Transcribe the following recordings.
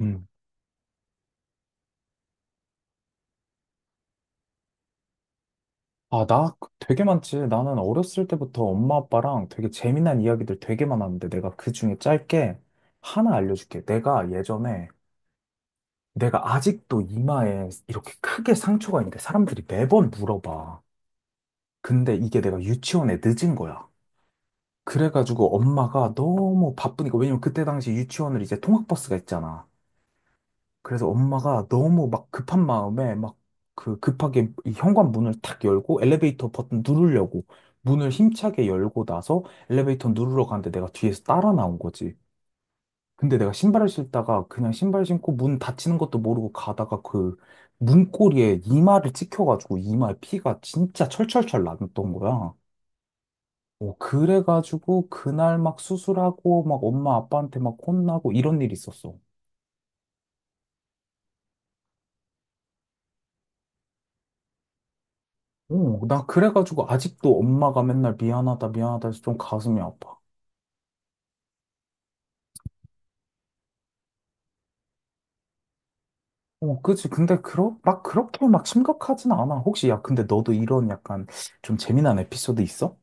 음. 아, 나 되게 많지. 나는 어렸을 때부터 엄마 아빠랑 되게 재미난 이야기들 되게 많았는데, 내가 그 중에 짧게 하나 알려줄게. 내가 아직도 이마에 이렇게 크게 상처가 있는데 사람들이 매번 물어봐. 근데 이게 내가 유치원에 늦은 거야. 그래가지고 엄마가 너무 바쁘니까, 왜냐면 그때 당시 유치원을 이제 통학버스가 있잖아. 그래서 엄마가 너무 막 급한 마음에 막 그 급하게 이 현관 문을 탁 열고, 엘리베이터 버튼 누르려고 문을 힘차게 열고 나서 엘리베이터 누르러 가는데 내가 뒤에서 따라 나온 거지. 근데 내가 신발을 신다가 그냥 신발 신고 문 닫히는 것도 모르고 가다가 그 문고리에 이마를 찍혀가지고 이마에 피가 진짜 철철철 났던 거야. 어, 그래가지고 그날 막 수술하고 막 엄마 아빠한테 막 혼나고 이런 일이 있었어. 어, 나 그래가지고 아직도 엄마가 맨날 미안하다, 미안하다 해서 좀 가슴이 아파. 어, 그치. 근데 막 그렇게 막 심각하진 않아. 혹시, 야, 근데 너도 이런 약간 좀 재미난 에피소드 있어?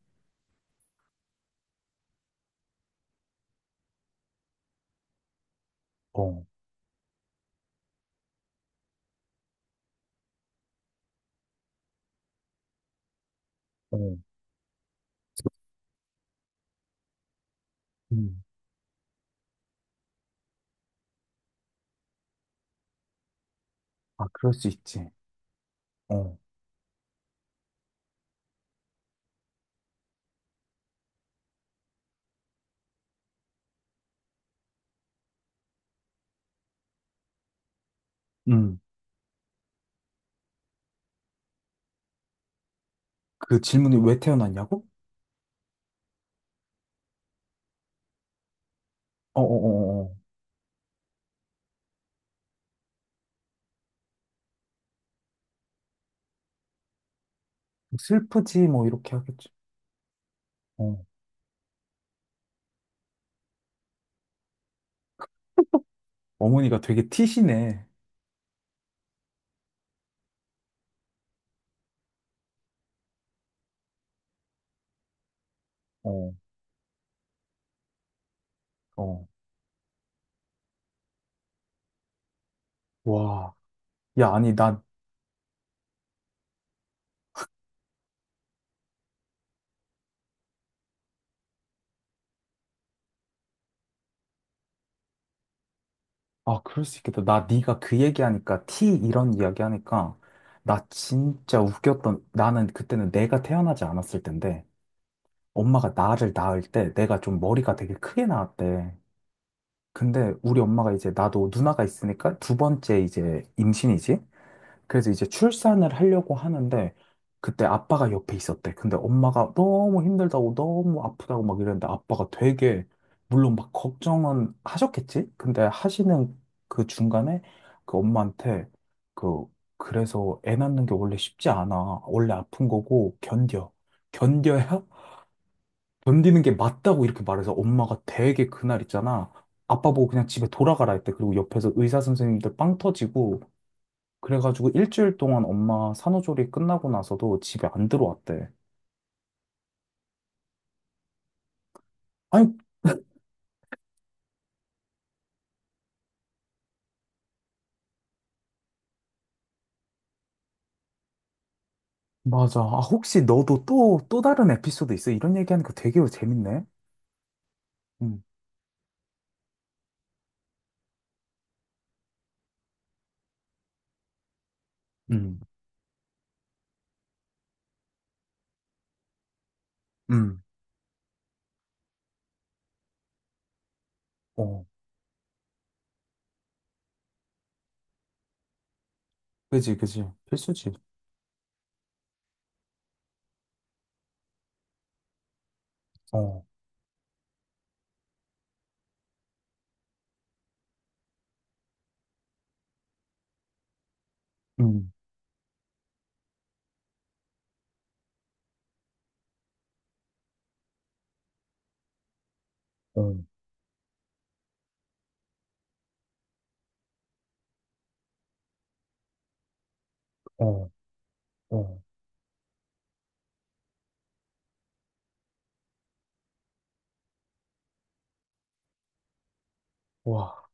어, 어, 음. 아, 그럴 수 있지. 어, 음. 그 질문이 왜 태어났냐고? 어어어어. 어, 어, 어, 어. 슬프지, 뭐, 이렇게 하겠지. 어, 어머니가 되게 티시네. 어, 어. 와. 야, 아니, 나. 아, 그럴 수 있겠다. 나 네가 그 얘기하니까 티 이런 이야기하니까 나 진짜 웃겼던, 나는 그때는 내가 태어나지 않았을 텐데, 엄마가 나를 낳을 때 내가 좀 머리가 되게 크게 나왔대. 근데 우리 엄마가 이제 나도 누나가 있으니까 두 번째 이제 임신이지? 그래서 이제 출산을 하려고 하는데 그때 아빠가 옆에 있었대. 근데 엄마가 너무 힘들다고 너무 아프다고 막 이랬는데, 아빠가 되게, 물론 막 걱정은 하셨겠지? 근데 하시는 그 중간에 그 엄마한테 그, 그래서 애 낳는 게 원래 쉽지 않아, 원래 아픈 거고 견뎌, 견뎌야 견디는 게 맞다고 이렇게 말해서, 엄마가 되게 그날 있잖아, 아빠 보고 그냥 집에 돌아가라 했대. 그리고 옆에서 의사 선생님들 빵 터지고 그래가지고 일주일 동안 엄마 산후조리 끝나고 나서도 집에 안 들어왔대. 아니, 맞아. 아, 혹시 너도 또, 또 다른 에피소드 있어? 이런 얘기하니까 되게 재밌네. 응, 응, 응. 어, 그지, 그지. 필수지. 어, 응, 어, 어, 어. 와,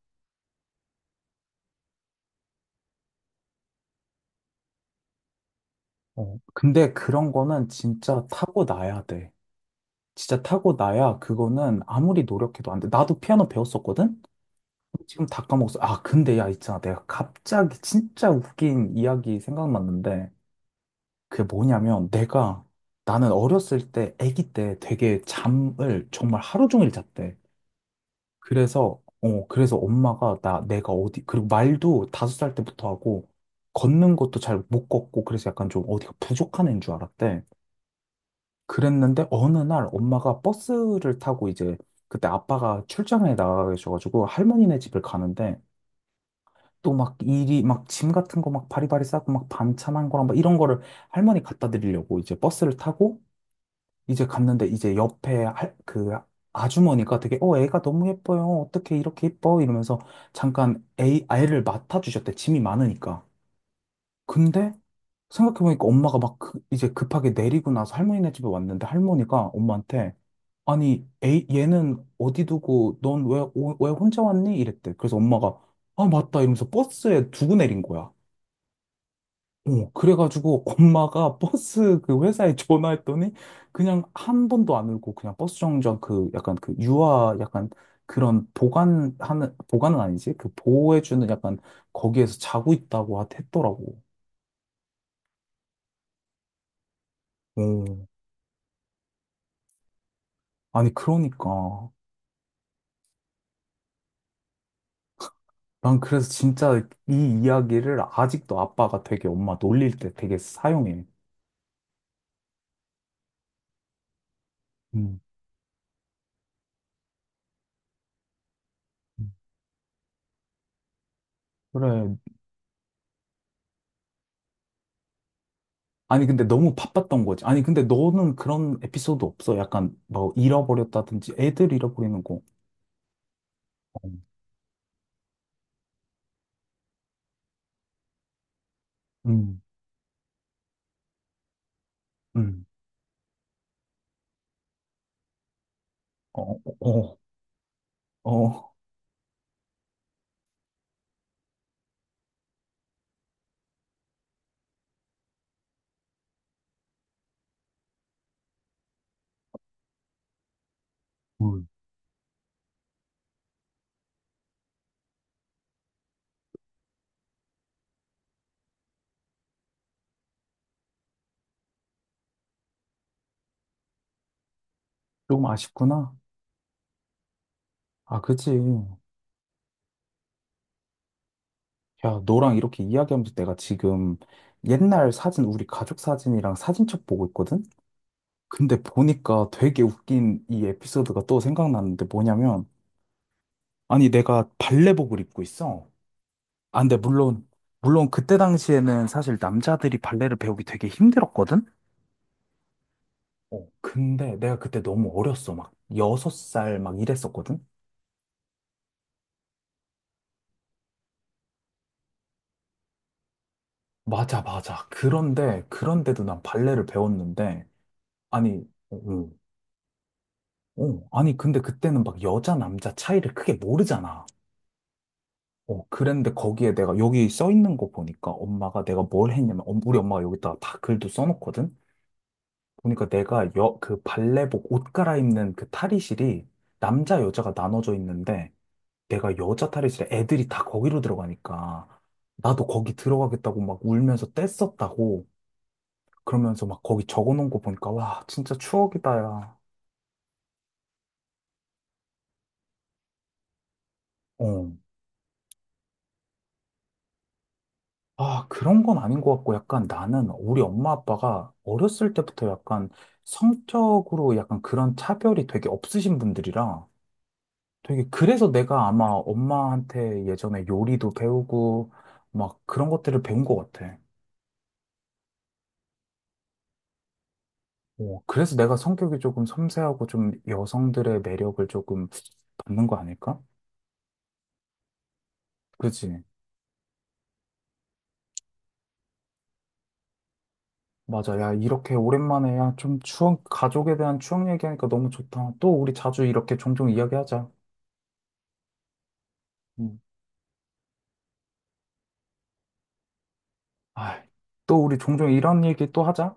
어. 근데 그런 거는 진짜 타고 나야 돼. 진짜 타고 나야, 그거는 아무리 노력해도 안 돼. 나도 피아노 배웠었거든? 지금 다 까먹었어. 아, 근데 야, 있잖아, 내가 갑자기 진짜 웃긴 이야기 생각났는데, 그게 뭐냐면 내가, 나는 어렸을 때 아기 때 되게 잠을 정말 하루 종일 잤대. 그래서 엄마가 나 내가 어디, 그리고 말도 5살 때부터 하고 걷는 것도 잘 못 걷고 그래서 약간 좀 어디가 부족한 애인 줄 알았대. 그랬는데 어느 날 엄마가 버스를 타고 이제, 그때 아빠가 출장에 나가 계셔가지고 할머니네 집을 가는데, 또 막 일이 막 짐 같은 거 막 바리바리 싸고 막 반찬 한 거랑 막 이런 거를 할머니 갖다 드리려고 이제 버스를 타고 이제 갔는데, 이제 옆에 그 아주머니가 되게, 어, 애가 너무 예뻐요, 어떻게 이렇게 예뻐? 이러면서 잠깐 애 아이를 맡아주셨대. 짐이 많으니까. 근데 생각해보니까 엄마가 막 이제 급하게 내리고 나서 할머니네 집에 왔는데, 할머니가 엄마한테, 아니 애 얘는 어디 두고 넌 왜 혼자 왔니? 이랬대. 그래서 엄마가, 아 맞다, 이러면서 버스에 두고 내린 거야. 어, 그래가지고 엄마가 버스 그 회사에 전화했더니, 그냥 한 번도 안 울고 그냥 버스 정류장, 그 약간 그 유아 약간 그런 보관하는, 보관은 아니지? 그 보호해주는 약간, 거기에서 자고 있다고 했더라고. 오. 아니, 그러니까. 난 그래서 진짜 이 이야기를 아직도 아빠가 되게 엄마 놀릴 때 되게 사용해. 음. 그래. 아니, 근데 너무 바빴던 거지. 아니, 근데 너는 그런 에피소드 없어? 약간 뭐 잃어버렸다든지, 애들 잃어버리는 거. 어, 음, 음, 어, 어, 어, 어. 음. 좀 아쉽구나. 아, 그치. 야, 너랑 이렇게 이야기하면서 내가 지금 옛날 사진, 우리 가족 사진이랑 사진첩 보고 있거든? 근데 보니까 되게 웃긴 이 에피소드가 또 생각났는데 뭐냐면, 아니, 내가 발레복을 입고 있어. 아, 근데 물론, 물론 그때 당시에는 사실 남자들이 발레를 배우기 되게 힘들었거든? 어, 근데 내가 그때 너무 어렸어. 막 6살 막 이랬었거든? 맞아, 맞아. 그런데, 그런데도 난 발레를 배웠는데, 아니, 어, 어, 어, 아니, 근데 그때는 막 여자, 남자 차이를 크게 모르잖아. 어, 그랬는데 거기에 내가 여기 써 있는 거 보니까 엄마가 내가 뭘 했냐면, 우리 엄마가 여기다가 다 글도 써놓거든? 보니까 내가 그 발레복 옷 갈아입는 그 탈의실이 남자, 여자가 나눠져 있는데, 내가 여자 탈의실에 애들이 다 거기로 들어가니까 나도 거기 들어가겠다고 막 울면서 뗐었다고, 그러면서 막 거기 적어 놓은 거 보니까, 와, 진짜 추억이다, 야. 어. 아, 그런 건 아닌 것 같고, 약간 나는 우리 엄마 아빠가 어렸을 때부터 약간 성적으로 약간 그런 차별이 되게 없으신 분들이라 되게, 그래서 내가 아마 엄마한테 예전에 요리도 배우고 막 그런 것들을 배운 것 같아. 어, 그래서 내가 성격이 조금 섬세하고 좀 여성들의 매력을 조금 받는 거 아닐까? 그지? 맞아. 야, 이렇게 오랜만에, 야, 좀 추억, 가족에 대한 추억 얘기하니까 너무 좋다. 또 우리 자주 이렇게 종종 이야기하자. 음. 아, 또 우리 종종 이런 얘기 또 하자.